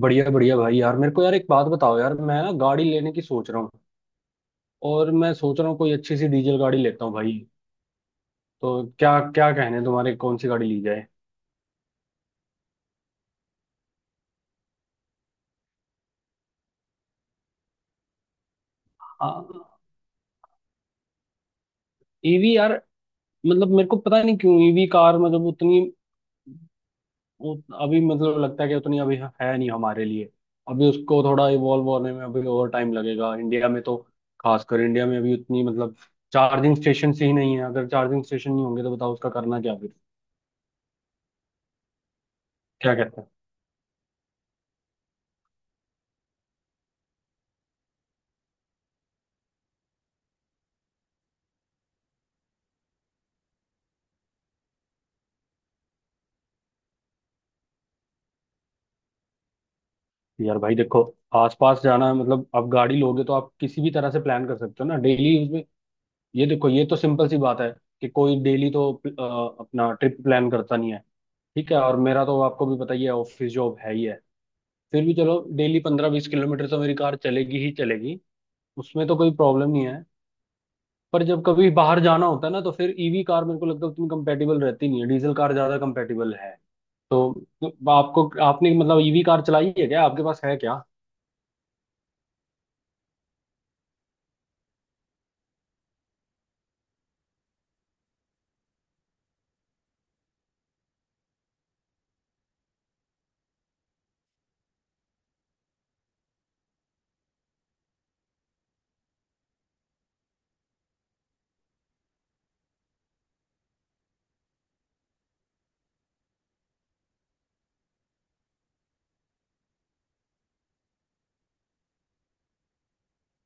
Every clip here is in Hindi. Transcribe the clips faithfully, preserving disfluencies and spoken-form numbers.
बढ़िया बढ़िया भाई, यार मेरे को यार एक बात बताओ, यार मैं ना गाड़ी लेने की सोच रहा हूँ। और मैं सोच रहा हूँ कोई अच्छी सी डीजल गाड़ी लेता हूँ भाई। तो क्या क्या कहने तुम्हारे, कौन सी गाड़ी ली जाए? ईवी यार, मतलब मेरे को पता नहीं क्यों ईवी कार मतलब उतनी उत, अभी मतलब लगता है कि उतनी अभी है नहीं हमारे लिए। अभी उसको थोड़ा इवॉल्व होने में अभी और टाइम लगेगा इंडिया में तो, खासकर इंडिया में अभी उतनी मतलब चार्जिंग स्टेशन ही नहीं है। अगर चार्जिंग स्टेशन नहीं होंगे तो बताओ उसका करना क्या फिर? क्या कहते हैं? यार भाई देखो, आसपास जाना है मतलब आप गाड़ी लोगे तो आप किसी भी तरह से प्लान कर सकते हो ना डेली उसमें। ये देखो, ये तो सिंपल सी बात है कि कोई डेली तो अ, अपना ट्रिप प्लान करता नहीं है। ठीक है, और मेरा तो आपको भी पता ही है, ऑफिस जॉब है ही है। फिर भी चलो डेली पंद्रह बीस किलोमीटर तो मेरी कार चलेगी ही चलेगी, उसमें तो कोई प्रॉब्लम नहीं है। पर जब कभी बाहर जाना होता है ना, तो फिर ईवी कार मेरे को लगता है उतनी कंपेटेबल रहती नहीं है, डीजल कार ज्यादा कंपेटेबल है। तो तो आपको, आपने मतलब ईवी कार चलाई है क्या, आपके पास है क्या?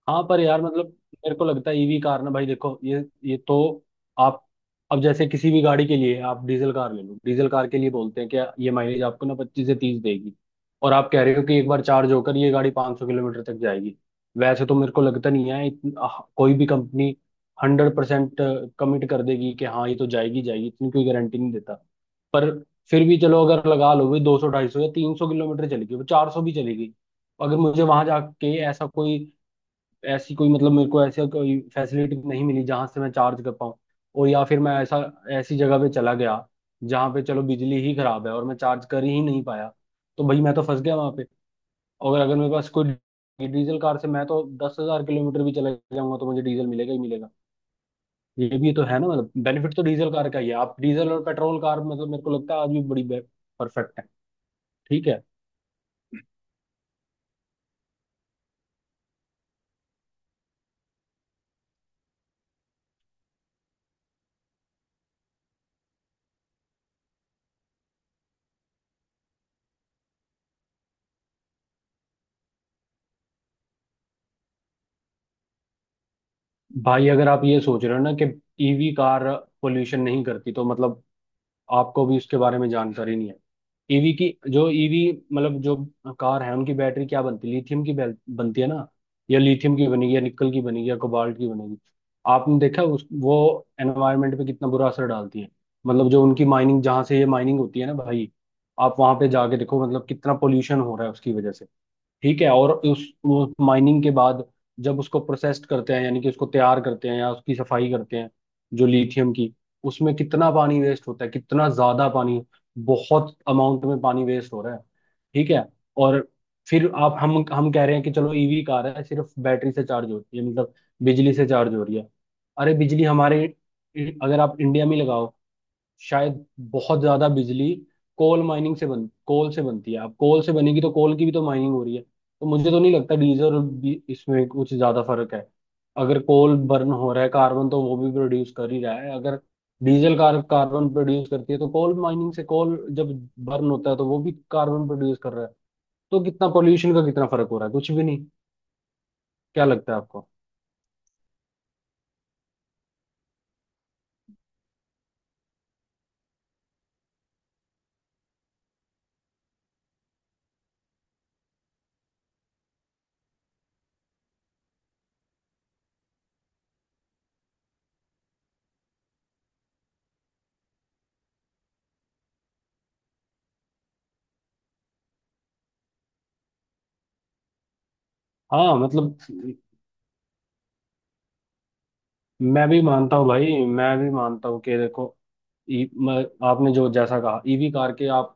हाँ पर यार मतलब मेरे को लगता है ईवी कार ना भाई देखो, ये ये तो आप, अब जैसे किसी भी गाड़ी के लिए आप डीजल कार ले लो, डीजल कार के लिए बोलते हैं कि ये माइलेज आपको ना पच्चीस से तीस देगी। और आप कह रहे हो कि एक बार चार्ज होकर ये गाड़ी 500 सौ किलोमीटर तक जाएगी। वैसे तो मेरे को लगता नहीं है इत- आह, कोई भी कंपनी हंड्रेड परसेंट कमिट कर देगी कि हाँ ये तो जाएगी जाएगी, इतनी कोई गारंटी नहीं देता। पर फिर भी चलो अगर लगा लो भाई दो सौ ढाई सौ या तीन सौ किलोमीटर चलेगी, वो चार सौ भी चलेगी। अगर मुझे वहां जाके ऐसा कोई, ऐसी कोई मतलब मेरे को ऐसा कोई फैसिलिटी नहीं मिली जहां से मैं चार्ज कर पाऊँ। और या फिर मैं ऐसा, ऐसी जगह पे चला गया जहां पे चलो बिजली ही खराब है और मैं चार्ज कर ही नहीं पाया, तो भाई मैं तो फंस गया वहां पे। और अगर मेरे पास कोई डीजल कार से मैं तो दस हजार किलोमीटर भी चले जाऊंगा तो मुझे डीजल मिलेगा ही मिलेगा। ये भी तो है ना, मतलब बेनिफिट तो डीजल कार का ही है। आप डीजल और पेट्रोल कार मतलब मेरे को लगता है आज भी बड़ी परफेक्ट है। ठीक है। भाई अगर आप ये सोच रहे हो ना कि ईवी कार पोल्यूशन नहीं करती, तो मतलब आपको भी उसके बारे में जानकारी नहीं है। ईवी की जो ईवी मतलब जो कार है, उनकी बैटरी क्या बनती है, लिथियम की बैल- बनती है ना? या लिथियम की बनेगी या निकल की बनेगी या कोबाल्ट की बनेगी। आपने देखा उस वो एनवायरनमेंट पे कितना बुरा असर डालती है। मतलब जो उनकी माइनिंग, जहाँ से ये माइनिंग होती है ना भाई, आप वहां पे जाके देखो मतलब कितना पोल्यूशन हो रहा है उसकी वजह से। ठीक है, और उस, उस माइनिंग के बाद जब उसको प्रोसेस्ड करते हैं, यानी कि उसको तैयार करते हैं या उसकी सफाई करते हैं, जो लिथियम की, उसमें कितना पानी वेस्ट होता है, कितना ज्यादा पानी, बहुत अमाउंट में पानी वेस्ट हो रहा है। ठीक है। और फिर आप हम हम कह रहे हैं कि चलो ईवी कार है, सिर्फ बैटरी से चार्ज होती है, मतलब बिजली से चार्ज हो रही है। अरे बिजली हमारे, अगर आप इंडिया में लगाओ, शायद बहुत ज्यादा बिजली कोल माइनिंग से बन कोल से बनती है। अब कोल से बनेगी तो कोल की भी तो माइनिंग हो रही है, तो मुझे तो नहीं लगता डीजल और बी- इसमें कुछ ज्यादा फर्क है। अगर कोल बर्न हो रहा है कार्बन, तो वो भी प्रोड्यूस कर ही रहा है। अगर डीजल कार कार्बन प्रोड्यूस करती है, तो कोल माइनिंग से कोल जब बर्न होता है, तो वो भी कार्बन प्रोड्यूस कर रहा है। तो कितना पोल्यूशन का कितना फर्क हो रहा है, कुछ भी नहीं। क्या लगता है आपको? हाँ मतलब मैं भी मानता हूँ भाई, मैं भी मानता हूँ कि देखो ई, म, आपने जो जैसा कहा, ईवी कार के आप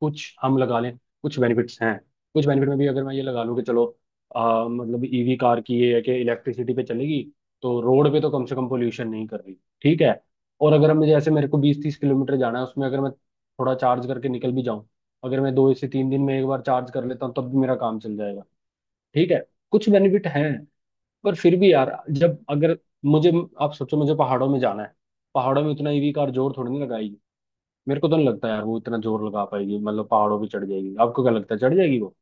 कुछ हम लगा लें, कुछ बेनिफिट्स हैं। कुछ बेनिफिट में भी अगर मैं ये लगा लूँ कि चलो, आ, मतलब ईवी कार की ये है कि इलेक्ट्रिसिटी पे चलेगी, तो रोड पे तो कम से कम पोल्यूशन नहीं कर रही। ठीक है। और अगर मैं जैसे मेरे को बीस तीस किलोमीटर जाना है, उसमें अगर मैं थोड़ा चार्ज करके निकल भी जाऊं, अगर मैं दो से तीन दिन में एक बार चार्ज कर लेता हूँ तब भी मेरा काम चल जाएगा। ठीक है, कुछ बेनिफिट हैं। पर फिर भी यार, जब अगर मुझे, आप सोचो मुझे पहाड़ों में जाना है, पहाड़ों में इतना ईवी कार जोर थोड़ी नहीं लगाएगी। मेरे को तो नहीं लगता यार वो इतना जोर लगा पाएगी, मतलब पहाड़ों पे चढ़ जाएगी? आपको क्या लगता है, चढ़ जाएगी वो?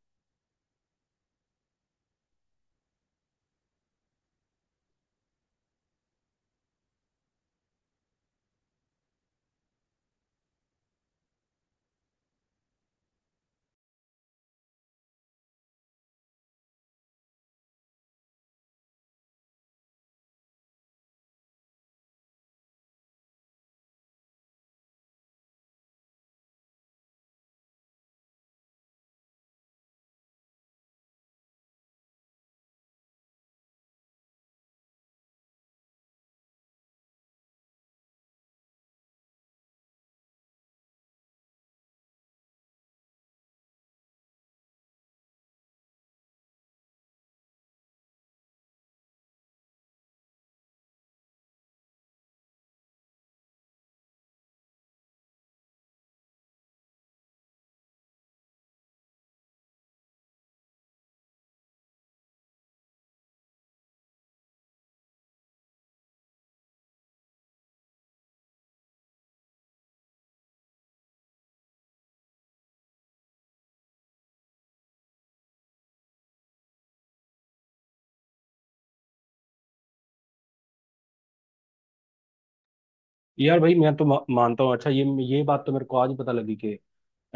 यार भाई मैं तो मा, मानता हूँ, अच्छा ये ये बात तो मेरे को आज पता लगी कि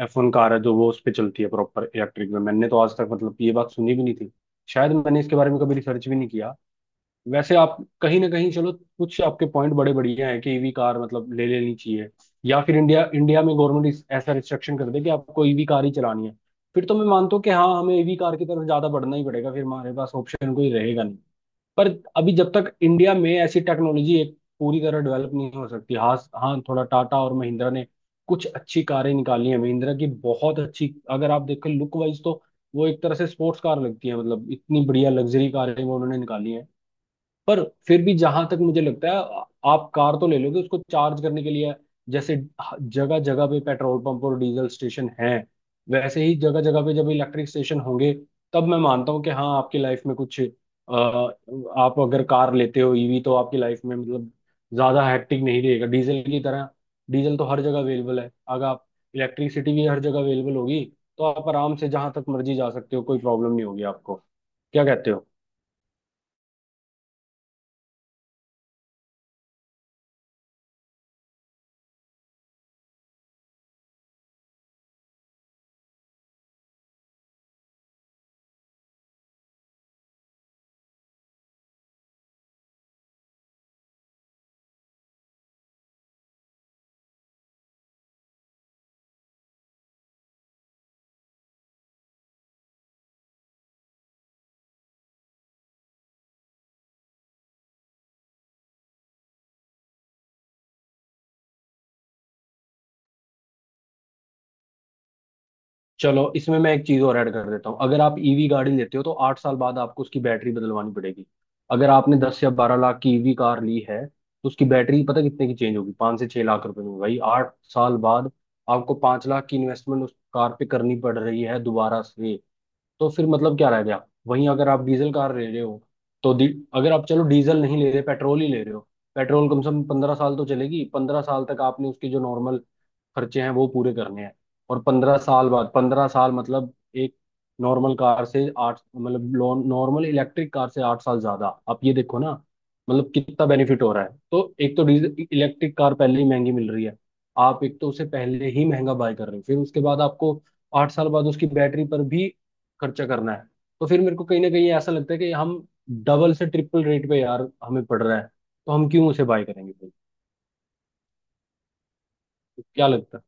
एफ वन कार है जो वो उस पर चलती है प्रॉपर इलेक्ट्रिक में। मैंने तो आज तक मतलब ये बात सुनी भी नहीं थी, शायद मैंने इसके बारे में कभी रिसर्च भी नहीं किया। वैसे आप कहीं ना कहीं चलो, कुछ आपके पॉइंट बड़े बढ़िया हैं कि ईवी कार मतलब ले लेनी चाहिए, या फिर इंडिया इंडिया में गवर्नमेंट ऐसा रिस्ट्रिक्शन कर दे कि आपको ईवी कार ही चलानी है, फिर तो मैं मानता हूँ कि हाँ हमें ईवी कार की तरफ ज्यादा बढ़ना ही पड़ेगा, फिर हमारे पास ऑप्शन कोई रहेगा नहीं। पर अभी जब तक इंडिया में ऐसी टेक्नोलॉजी एक पूरी तरह डेवलप नहीं हो सकती। हाँ हाँ, थोड़ा टाटा और महिंद्रा ने कुछ अच्छी कारें निकाली हैं, महिंद्रा की बहुत अच्छी, अगर आप देखें लुक वाइज तो, वो एक तरह से स्पोर्ट्स कार लगती है, मतलब इतनी बढ़िया लग्जरी कारें वो उन्होंने निकाली हैं। पर फिर भी जहां तक मुझे लगता है, आ- आप कार तो ले लोगे, उसको चार्ज करने के लिए, जैसे जगह जगह पे पेट्रोल पंप और डीजल स्टेशन हैं, वैसे ही जगह जगह पे जब इलेक्ट्रिक स्टेशन होंगे, तब मैं मानता हूँ कि हाँ आपकी लाइफ में कुछ अ, आप अगर कार लेते हो ईवी, तो आपकी लाइफ में मतलब ज्यादा हैक्टिक नहीं रहेगा डीजल की तरह। डीजल तो हर जगह अवेलेबल है, अगर आप इलेक्ट्रिसिटी भी हर जगह अवेलेबल होगी, तो आप आराम से जहां तक मर्जी जा सकते हो, कोई प्रॉब्लम नहीं होगी आपको। क्या कहते हो? चलो इसमें मैं एक चीज और ऐड कर देता हूँ, अगर आप ईवी गाड़ी लेते हो तो आठ साल बाद आपको उसकी बैटरी बदलवानी पड़ेगी। अगर आपने दस या बारह लाख की ईवी कार ली है, तो उसकी बैटरी पता कितने की चेंज होगी, पाँच से छह लाख रुपए में भाई, आठ साल बाद। आपको पांच लाख की इन्वेस्टमेंट उस कार पे करनी पड़ रही है दोबारा से। तो फिर मतलब क्या रह गया? वहीं अगर आप डीजल कार ले रहे हो तो डी अगर आप चलो डीजल नहीं ले रहे, पेट्रोल ही ले रहे हो, पेट्रोल कम से कम पंद्रह साल तो चलेगी, पंद्रह साल तक आपने उसकी जो नॉर्मल खर्चे हैं वो पूरे करने हैं। और पंद्रह साल बाद, पंद्रह साल मतलब एक नॉर्मल कार से आठ मतलब नॉर्मल इलेक्ट्रिक कार से आठ साल ज्यादा, आप ये देखो ना, मतलब कितना बेनिफिट हो रहा है। तो एक तो डीजल इलेक्ट्रिक कार पहले ही महंगी मिल रही है, आप एक तो उसे पहले ही महंगा बाय कर रहे हो, फिर उसके बाद आपको आठ साल बाद उसकी बैटरी पर भी खर्चा करना है। तो फिर मेरे को कहीं ना कहीं ऐसा लगता है कि हम डबल से ट्रिपल रेट पे यार हमें पड़ रहा है, तो हम क्यों उसे बाय करेंगे फिर? क्या लगता है?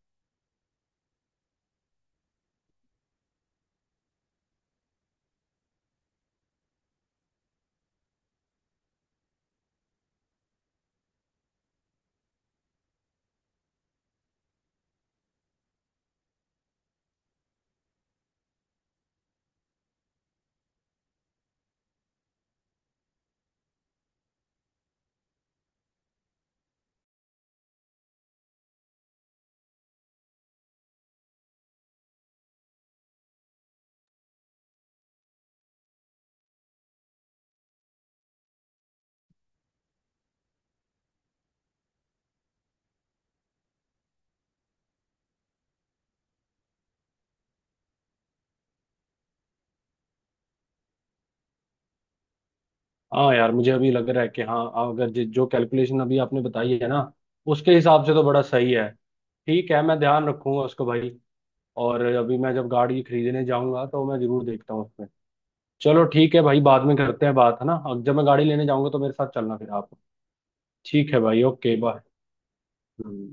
हाँ यार, मुझे अभी लग रहा है कि हाँ, अगर जि- जो कैलकुलेशन अभी आपने बताई है ना, उसके हिसाब से तो बड़ा सही है। ठीक है, मैं ध्यान रखूंगा उसको भाई, और अभी मैं जब गाड़ी खरीदने जाऊंगा तो मैं जरूर देखता हूँ उसमें। चलो ठीक है भाई, बाद में करते हैं बात है ना, अब जब मैं गाड़ी लेने जाऊंगा तो मेरे साथ चलना फिर आप। ठीक है भाई, ओके बाय।